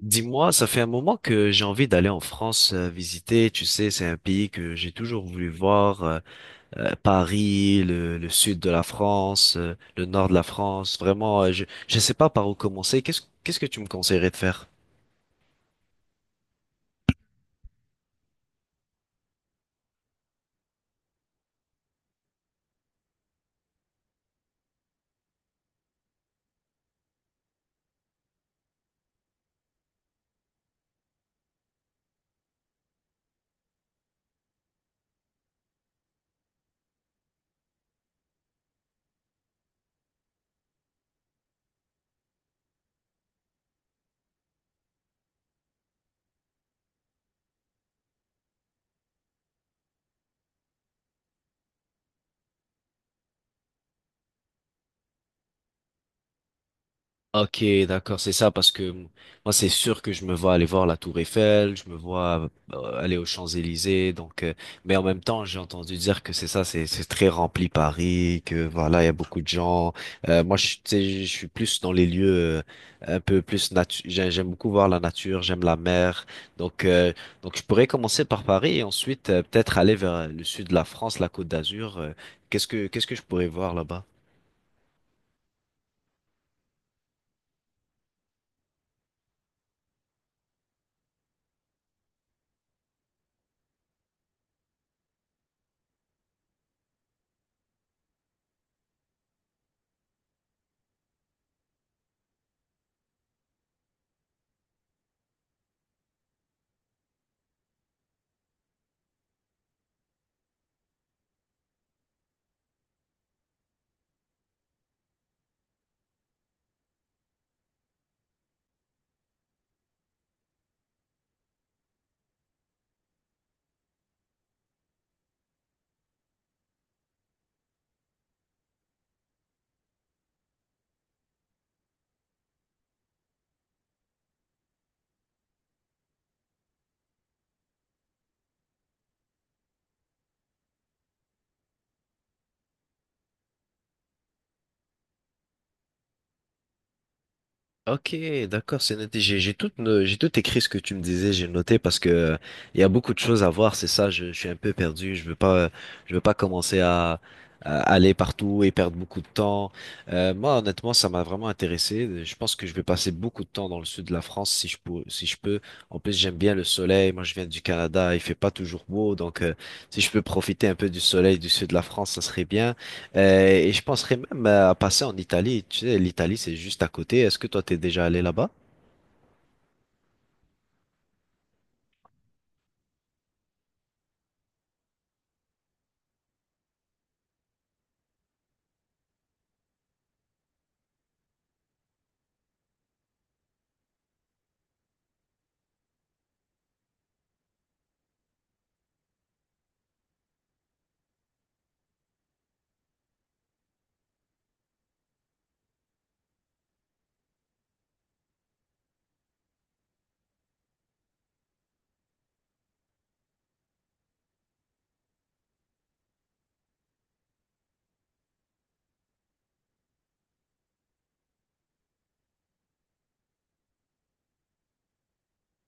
Dis-moi, ça fait un moment que j'ai envie d'aller en France visiter. Tu sais, c'est un pays que j'ai toujours voulu voir. Paris, le sud de la France, le nord de la France. Vraiment, je sais pas par où commencer. Qu'est-ce que tu me conseillerais de faire? Ok, d'accord, c'est ça, parce que moi, c'est sûr que je me vois aller voir la Tour Eiffel, je me vois aller aux Champs-Élysées, mais en même temps, j'ai entendu dire que c'est ça, c'est très rempli Paris, que voilà, il y a beaucoup de gens. Tu sais, je suis plus dans les lieux un peu plus nature. J'aime beaucoup voir la nature, j'aime la mer, donc euh, donc je pourrais commencer par Paris et ensuite peut-être aller vers le sud de la France, la Côte d'Azur. Qu'est-ce que je pourrais voir là-bas? Ok, d'accord, c'est noté. J'ai tout, no- j'ai tout écrit ce que tu me disais, j'ai noté parce que il y a beaucoup de choses à voir, c'est ça, je suis un peu perdu, je veux pas commencer à aller partout et perdre beaucoup de temps. Moi, honnêtement, ça m'a vraiment intéressé. Je pense que je vais passer beaucoup de temps dans le sud de la France si je peux, si je peux. En plus, j'aime bien le soleil. Moi, je viens du Canada, il fait pas toujours beau, si je peux profiter un peu du soleil du sud de la France, ça serait bien. Et je penserais même à passer en Italie. Tu sais, l'Italie, c'est juste à côté. Est-ce que toi, t'es déjà allé là-bas?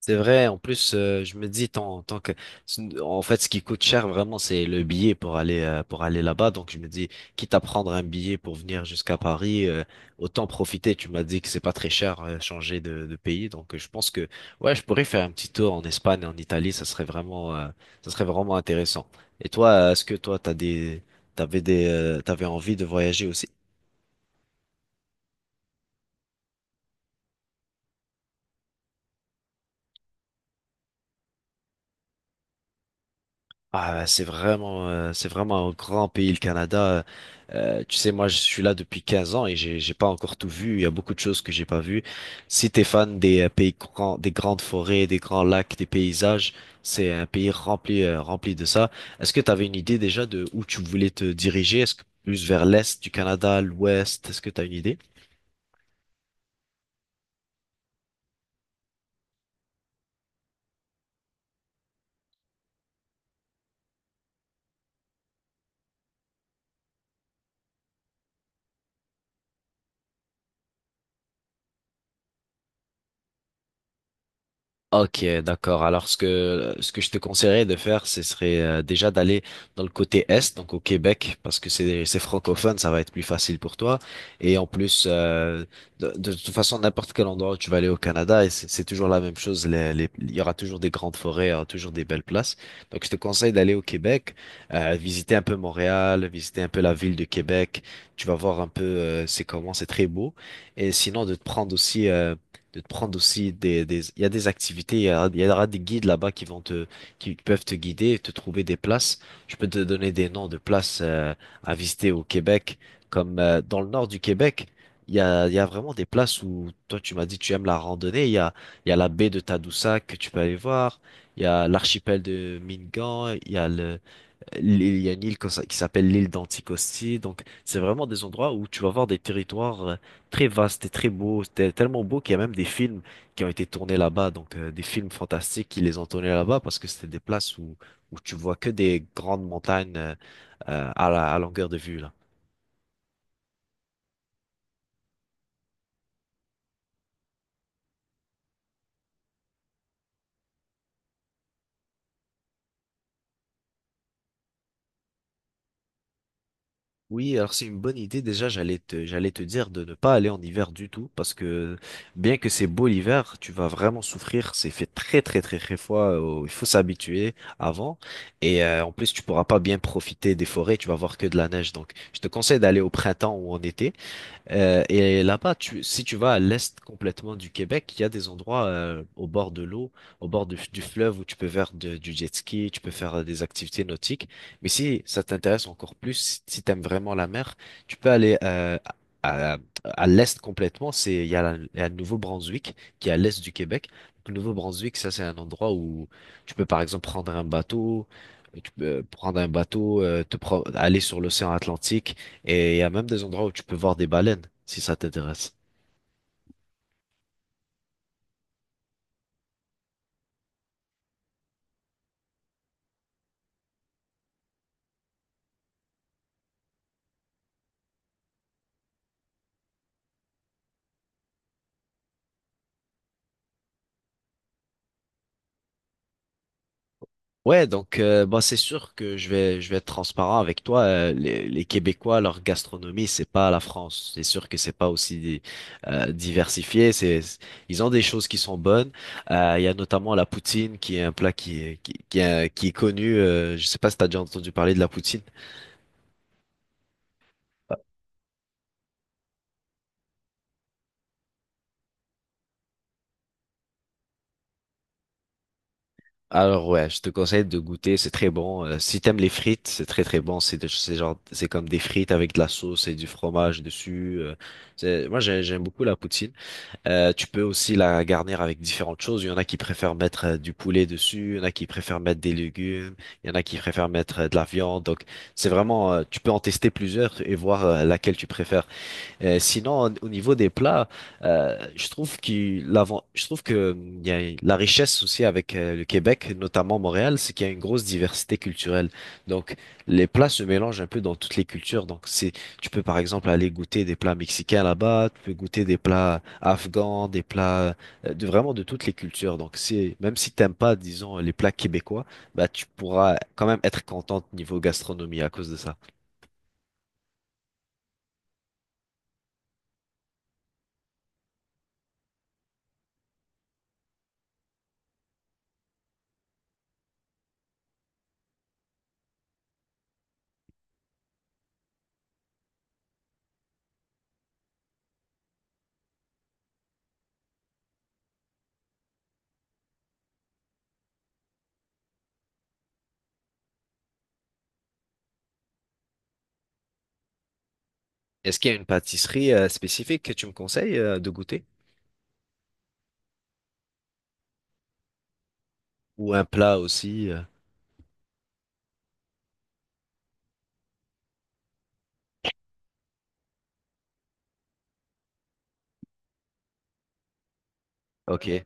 C'est vrai. En plus, je me dis, tant que, en fait, ce qui coûte cher vraiment, c'est le billet pour aller là-bas. Donc, je me dis, quitte à prendre un billet pour venir jusqu'à Paris, autant profiter. Tu m'as dit que c'est pas très cher, changer de pays. Je pense que, ouais, je pourrais faire un petit tour en Espagne, en Italie. Ça serait vraiment intéressant. Et toi, est-ce que toi, t'avais envie de voyager aussi? Ah, bah, c'est vraiment un grand pays, le Canada. Tu sais, moi, je suis là depuis 15 ans et j'ai pas encore tout vu. Il y a beaucoup de choses que j'ai pas vues. Si t'es fan des pays grands, des grandes forêts, des grands lacs, des paysages, c'est un pays rempli, rempli de ça. Est-ce que t'avais une idée déjà de où tu voulais te diriger? Est-ce que plus vers l'est du Canada, l'ouest? Est-ce que t'as une idée? Ok, d'accord. Alors ce que je te conseillerais de faire, ce serait déjà d'aller dans le côté est, donc au Québec, parce que c'est francophone, ça va être plus facile pour toi. Et en plus, de toute façon, n'importe quel endroit où tu vas aller au Canada, et c'est toujours la même chose. Il y aura toujours des grandes forêts, il y aura toujours des belles places. Donc je te conseille d'aller au Québec, visiter un peu Montréal, visiter un peu la ville de Québec. Tu vas voir un peu c'est comment, c'est très beau. Et sinon de te prendre aussi des, il y a des activités, il y aura des guides là-bas qui vont te, qui peuvent te guider, te trouver des places. Je peux te donner des noms de places à visiter au Québec, comme dans le nord du Québec. Il y a vraiment des places où toi tu m'as dit tu aimes la randonnée. Il y a la baie de Tadoussac que tu peux aller voir. Il y a l'archipel de Mingan. Il y a une île qui s'appelle l'île d'Anticosti. Donc, c'est vraiment des endroits où tu vas voir des territoires très vastes et très beaux. C'était tellement beau qu'il y a même des films qui ont été tournés là-bas. Des films fantastiques qui les ont tournés là-bas parce que c'était des places où, où tu vois que des grandes montagnes à la, à longueur de vue, là. Oui, alors c'est une bonne idée. Déjà, j'allais te dire de ne pas aller en hiver du tout, parce que bien que c'est beau l'hiver, tu vas vraiment souffrir. C'est fait très très très très froid. Il faut s'habituer avant. En plus, tu pourras pas bien profiter des forêts. Tu vas voir que de la neige. Donc, je te conseille d'aller au printemps ou en été. Et là-bas, si tu vas à l'est complètement du Québec, il y a des endroits au bord de l'eau, au bord du fleuve où tu peux faire du jet ski, tu peux faire des activités nautiques. Mais si ça t'intéresse encore plus, si, tu aimes vraiment la mer, tu peux aller à, à- à l'est complètement. Il y a le Nouveau-Brunswick qui est à l'est du Québec. Le Nouveau-Brunswick, ça c'est un endroit où tu peux par exemple prendre un bateau, tu peux prendre un bateau, aller sur l'océan Atlantique. Et il y a même des endroits où tu peux voir des baleines, si ça t'intéresse. Bah c'est sûr que je vais être transparent avec toi. Les Québécois, leur gastronomie, c'est pas la France. C'est sûr que c'est pas aussi diversifié. C'est ils ont des choses qui sont bonnes. Il y a notamment la poutine, qui est un plat qui est connu. Je sais pas si t'as déjà entendu parler de la poutine. Alors ouais, je te conseille de goûter, c'est très bon. Si t'aimes les frites, c'est très très bon. C'est genre, c'est comme des frites avec de la sauce et du fromage dessus. J'aime beaucoup la poutine. Tu peux aussi la garnir avec différentes choses. Il y en a qui préfèrent mettre du poulet dessus, il y en a qui préfèrent mettre des légumes, il y en a qui préfèrent mettre de la viande. Donc c'est vraiment, tu peux en tester plusieurs et voir laquelle tu préfères. Sinon, au au niveau des plats, je trouve que il y a la richesse aussi avec le Québec, notamment Montréal, c'est qu'il y a une grosse diversité culturelle. Donc, les plats se mélangent un peu dans toutes les cultures. Tu peux par exemple aller goûter des plats mexicains là-bas, tu peux goûter des plats afghans, des plats de vraiment de toutes les cultures. Donc, c'est même si t'aimes pas, disons, les plats québécois, bah tu pourras quand même être contente niveau gastronomie à cause de ça. Est-ce qu'il y a une pâtisserie spécifique que tu me conseilles de goûter? Ou un plat aussi? Ok,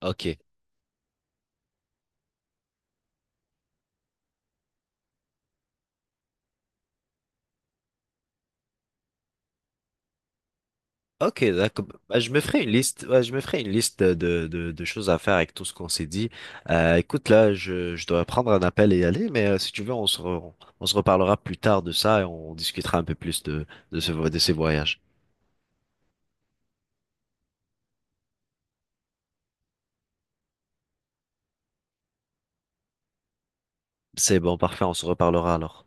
ok, ok, d'accord. Bah, je me ferai une liste. Ouais, je me ferai une liste de choses à faire avec tout ce qu'on s'est dit. Écoute, là, je dois prendre un appel et y aller, mais si tu veux, on se reparlera plus tard de ça et on discutera un peu plus de, de ces voyages. C'est bon, parfait, on se reparlera alors.